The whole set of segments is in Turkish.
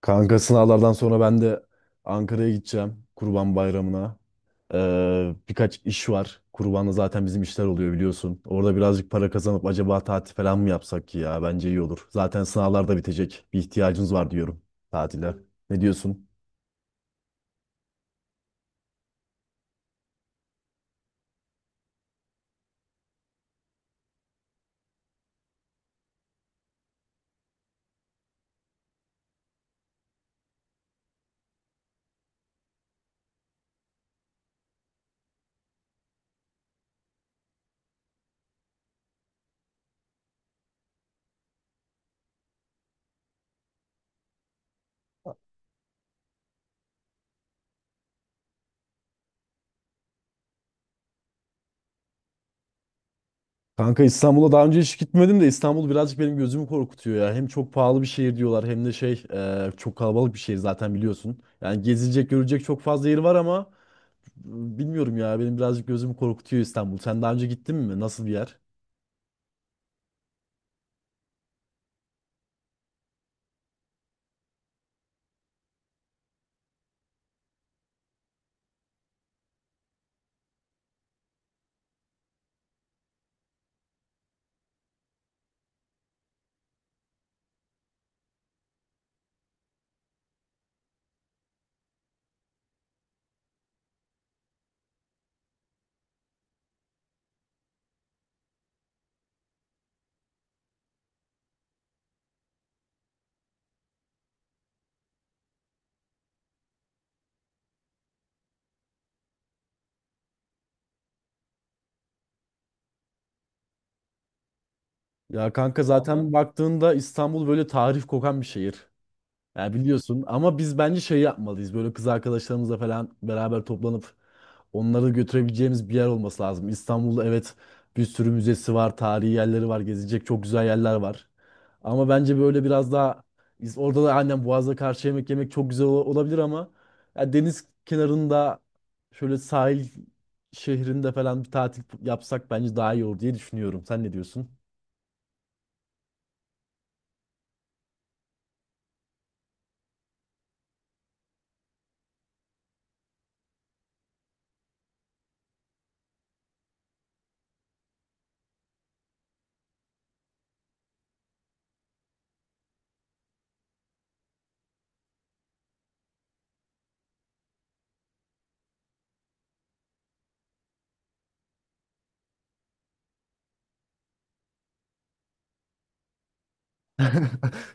Kanka sınavlardan sonra ben de Ankara'ya gideceğim Kurban Bayramı'na. Birkaç iş var. Kurban'da zaten bizim işler oluyor biliyorsun. Orada birazcık para kazanıp acaba tatil falan mı yapsak ki ya? Bence iyi olur. Zaten sınavlar da bitecek. Bir ihtiyacımız var diyorum tatile. Ne diyorsun? Kanka İstanbul'a daha önce hiç gitmedim de İstanbul birazcık benim gözümü korkutuyor ya. Hem çok pahalı bir şehir diyorlar hem de çok kalabalık bir şehir zaten biliyorsun. Yani gezilecek görülecek çok fazla yeri var ama bilmiyorum ya, benim birazcık gözümü korkutuyor İstanbul. Sen daha önce gittin mi? Nasıl bir yer? Ya kanka vallahi zaten baktığında İstanbul böyle tarih kokan bir şehir. Ya biliyorsun ama biz bence şey yapmalıyız. Böyle kız arkadaşlarımızla falan beraber toplanıp onları götürebileceğimiz bir yer olması lazım. İstanbul'da evet, bir sürü müzesi var, tarihi yerleri var, gezilecek çok güzel yerler var. Ama bence böyle biraz daha orada da annem Boğaz'da karşı yemek yemek çok güzel olabilir ama ya, deniz kenarında, şöyle sahil şehrinde falan bir tatil yapsak bence daha iyi olur diye düşünüyorum. Sen ne diyorsun?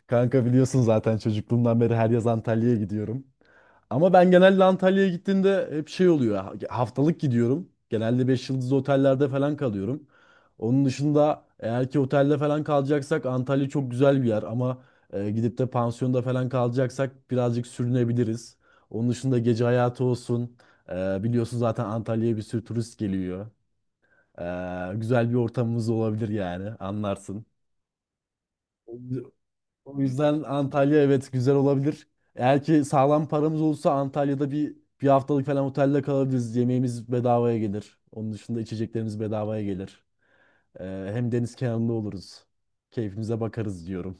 Kanka biliyorsun zaten çocukluğumdan beri her yaz Antalya'ya gidiyorum. Ama ben genelde Antalya'ya gittiğimde hep şey oluyor. Haftalık gidiyorum. Genelde 5 yıldızlı otellerde falan kalıyorum. Onun dışında eğer ki otelde falan kalacaksak Antalya çok güzel bir yer ama gidip de pansiyonda falan kalacaksak birazcık sürünebiliriz. Onun dışında gece hayatı olsun. Biliyorsun zaten Antalya'ya bir sürü turist geliyor. Güzel bir ortamımız olabilir yani, anlarsın. O yüzden Antalya evet güzel olabilir. Eğer ki sağlam paramız olursa Antalya'da bir haftalık falan otelde kalabiliriz. Yemeğimiz bedavaya gelir. Onun dışında içeceklerimiz bedavaya gelir. Hem deniz kenarında oluruz. Keyfimize bakarız diyorum.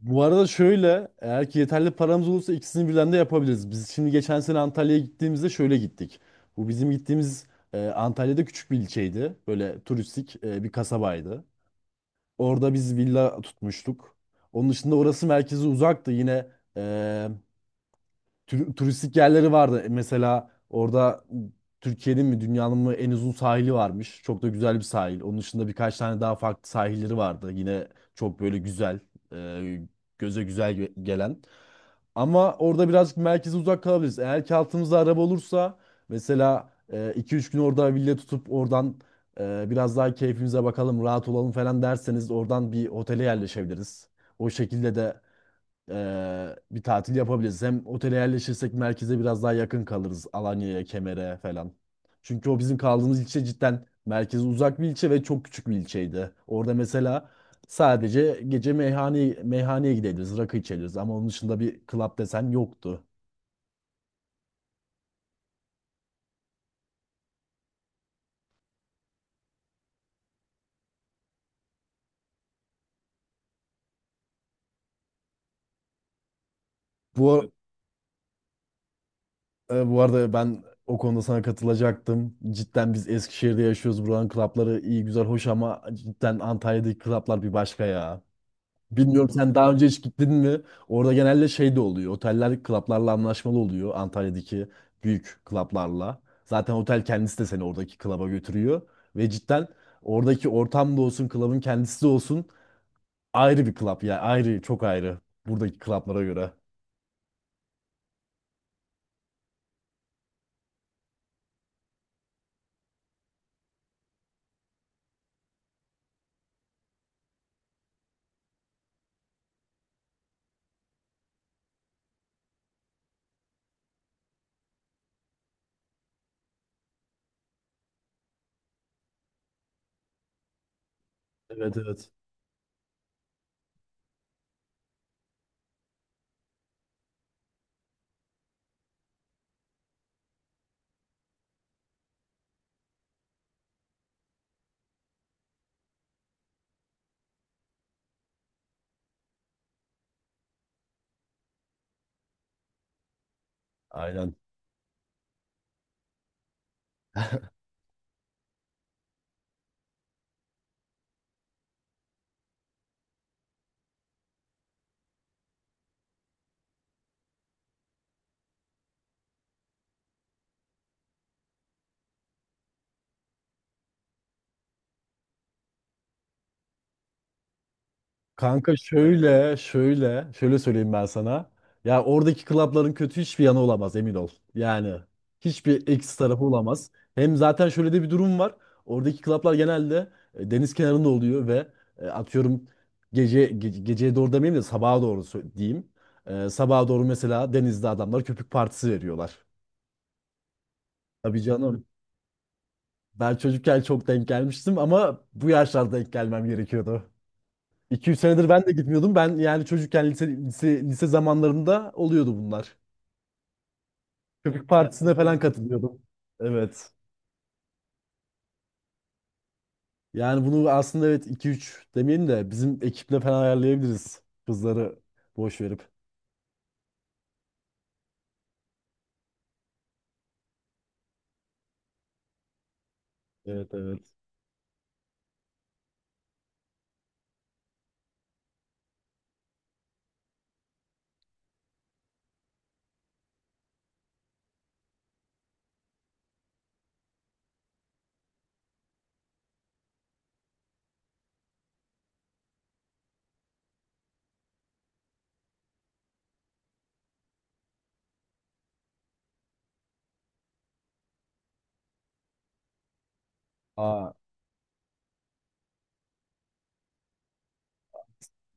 Bu arada şöyle, eğer ki yeterli paramız olursa ikisini birden de yapabiliriz. Biz şimdi geçen sene Antalya'ya gittiğimizde şöyle gittik. Bu bizim gittiğimiz Antalya'da küçük bir ilçeydi. Böyle turistik, bir kasabaydı. Orada biz villa tutmuştuk. Onun dışında orası merkeze uzaktı. Yine eee, turistik yerleri vardı. Mesela orada Türkiye'nin mi dünyanın mı en uzun sahili varmış. Çok da güzel bir sahil. Onun dışında birkaç tane daha farklı sahilleri vardı. Yine çok böyle güzel, e, göze güzel gelen. Ama orada birazcık merkeze uzak kalabiliriz. Eğer ki altımızda araba olursa mesela iki üç gün orada villa tutup oradan biraz daha keyfimize bakalım, rahat olalım falan derseniz oradan bir otele yerleşebiliriz. O şekilde de bir tatil yapabiliriz. Hem otele yerleşirsek merkeze biraz daha yakın kalırız. Alanya'ya, Kemer'e falan. Çünkü o bizim kaldığımız ilçe cidden merkeze uzak bir ilçe ve çok küçük bir ilçeydi. Orada mesela sadece gece meyhaneye gidebiliriz, rakı içebiliriz ama onun dışında bir club desen yoktu. Bu ar- Bu arada ben o konuda sana katılacaktım. Cidden biz Eskişehir'de yaşıyoruz. Buranın klapları iyi güzel hoş ama cidden Antalya'daki klaplar bir başka ya. Bilmiyorum, sen daha önce hiç gittin mi? Orada genelde şey de oluyor. Oteller klaplarla anlaşmalı oluyor. Antalya'daki büyük klaplarla. Zaten otel kendisi de seni oradaki klaba götürüyor. Ve cidden oradaki ortam da olsun, klabın kendisi de olsun ayrı bir klap ya. Ayrı, çok ayrı. Buradaki klaplara göre. Evet, evet. Aynen. Kanka şöyle söyleyeyim ben sana. Ya oradaki klapların kötü hiçbir yanı olamaz, emin ol. Yani hiçbir eksi tarafı olamaz. Hem zaten şöyle de bir durum var. Oradaki klaplar genelde deniz kenarında oluyor ve atıyorum, geceye doğru demeyeyim de sabaha doğru diyeyim. Sabaha doğru mesela denizde adamlar köpük partisi veriyorlar. Tabii canım. Ben çocukken çok denk gelmiştim ama bu yaşlarda denk gelmem gerekiyordu. 200 senedir ben de gitmiyordum. Ben yani çocukken lise zamanlarımda oluyordu bunlar. Köpük partisine falan katılıyordum. Evet. Yani bunu aslında evet 2-3 demeyelim de bizim ekiple falan ayarlayabiliriz. Kızları boş verip. Evet, evet. Aa,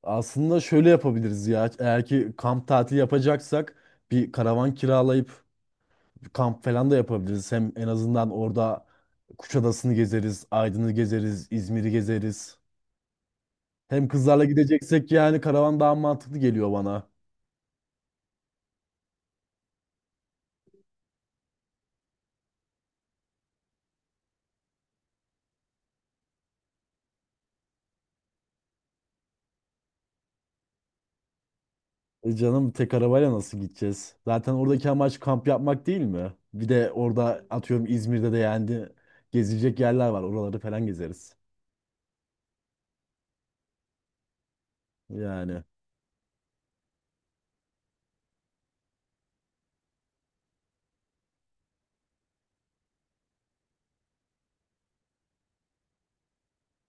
aslında şöyle yapabiliriz ya. Eğer ki kamp tatili yapacaksak bir karavan kiralayıp bir kamp falan da yapabiliriz. Hem en azından orada Kuşadası'nı gezeriz, Aydın'ı gezeriz, İzmir'i gezeriz. Hem kızlarla gideceksek yani karavan daha mantıklı geliyor bana. E canım, tek arabayla nasıl gideceğiz? Zaten oradaki amaç kamp yapmak değil mi? Bir de orada atıyorum İzmir'de de yani gezilecek yerler var. Oraları falan gezeriz. Yani.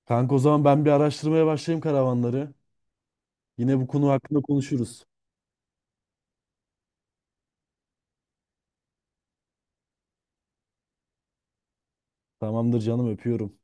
Kanka o zaman ben bir araştırmaya başlayayım karavanları. Yine bu konu hakkında konuşuruz. Tamamdır canım, öpüyorum.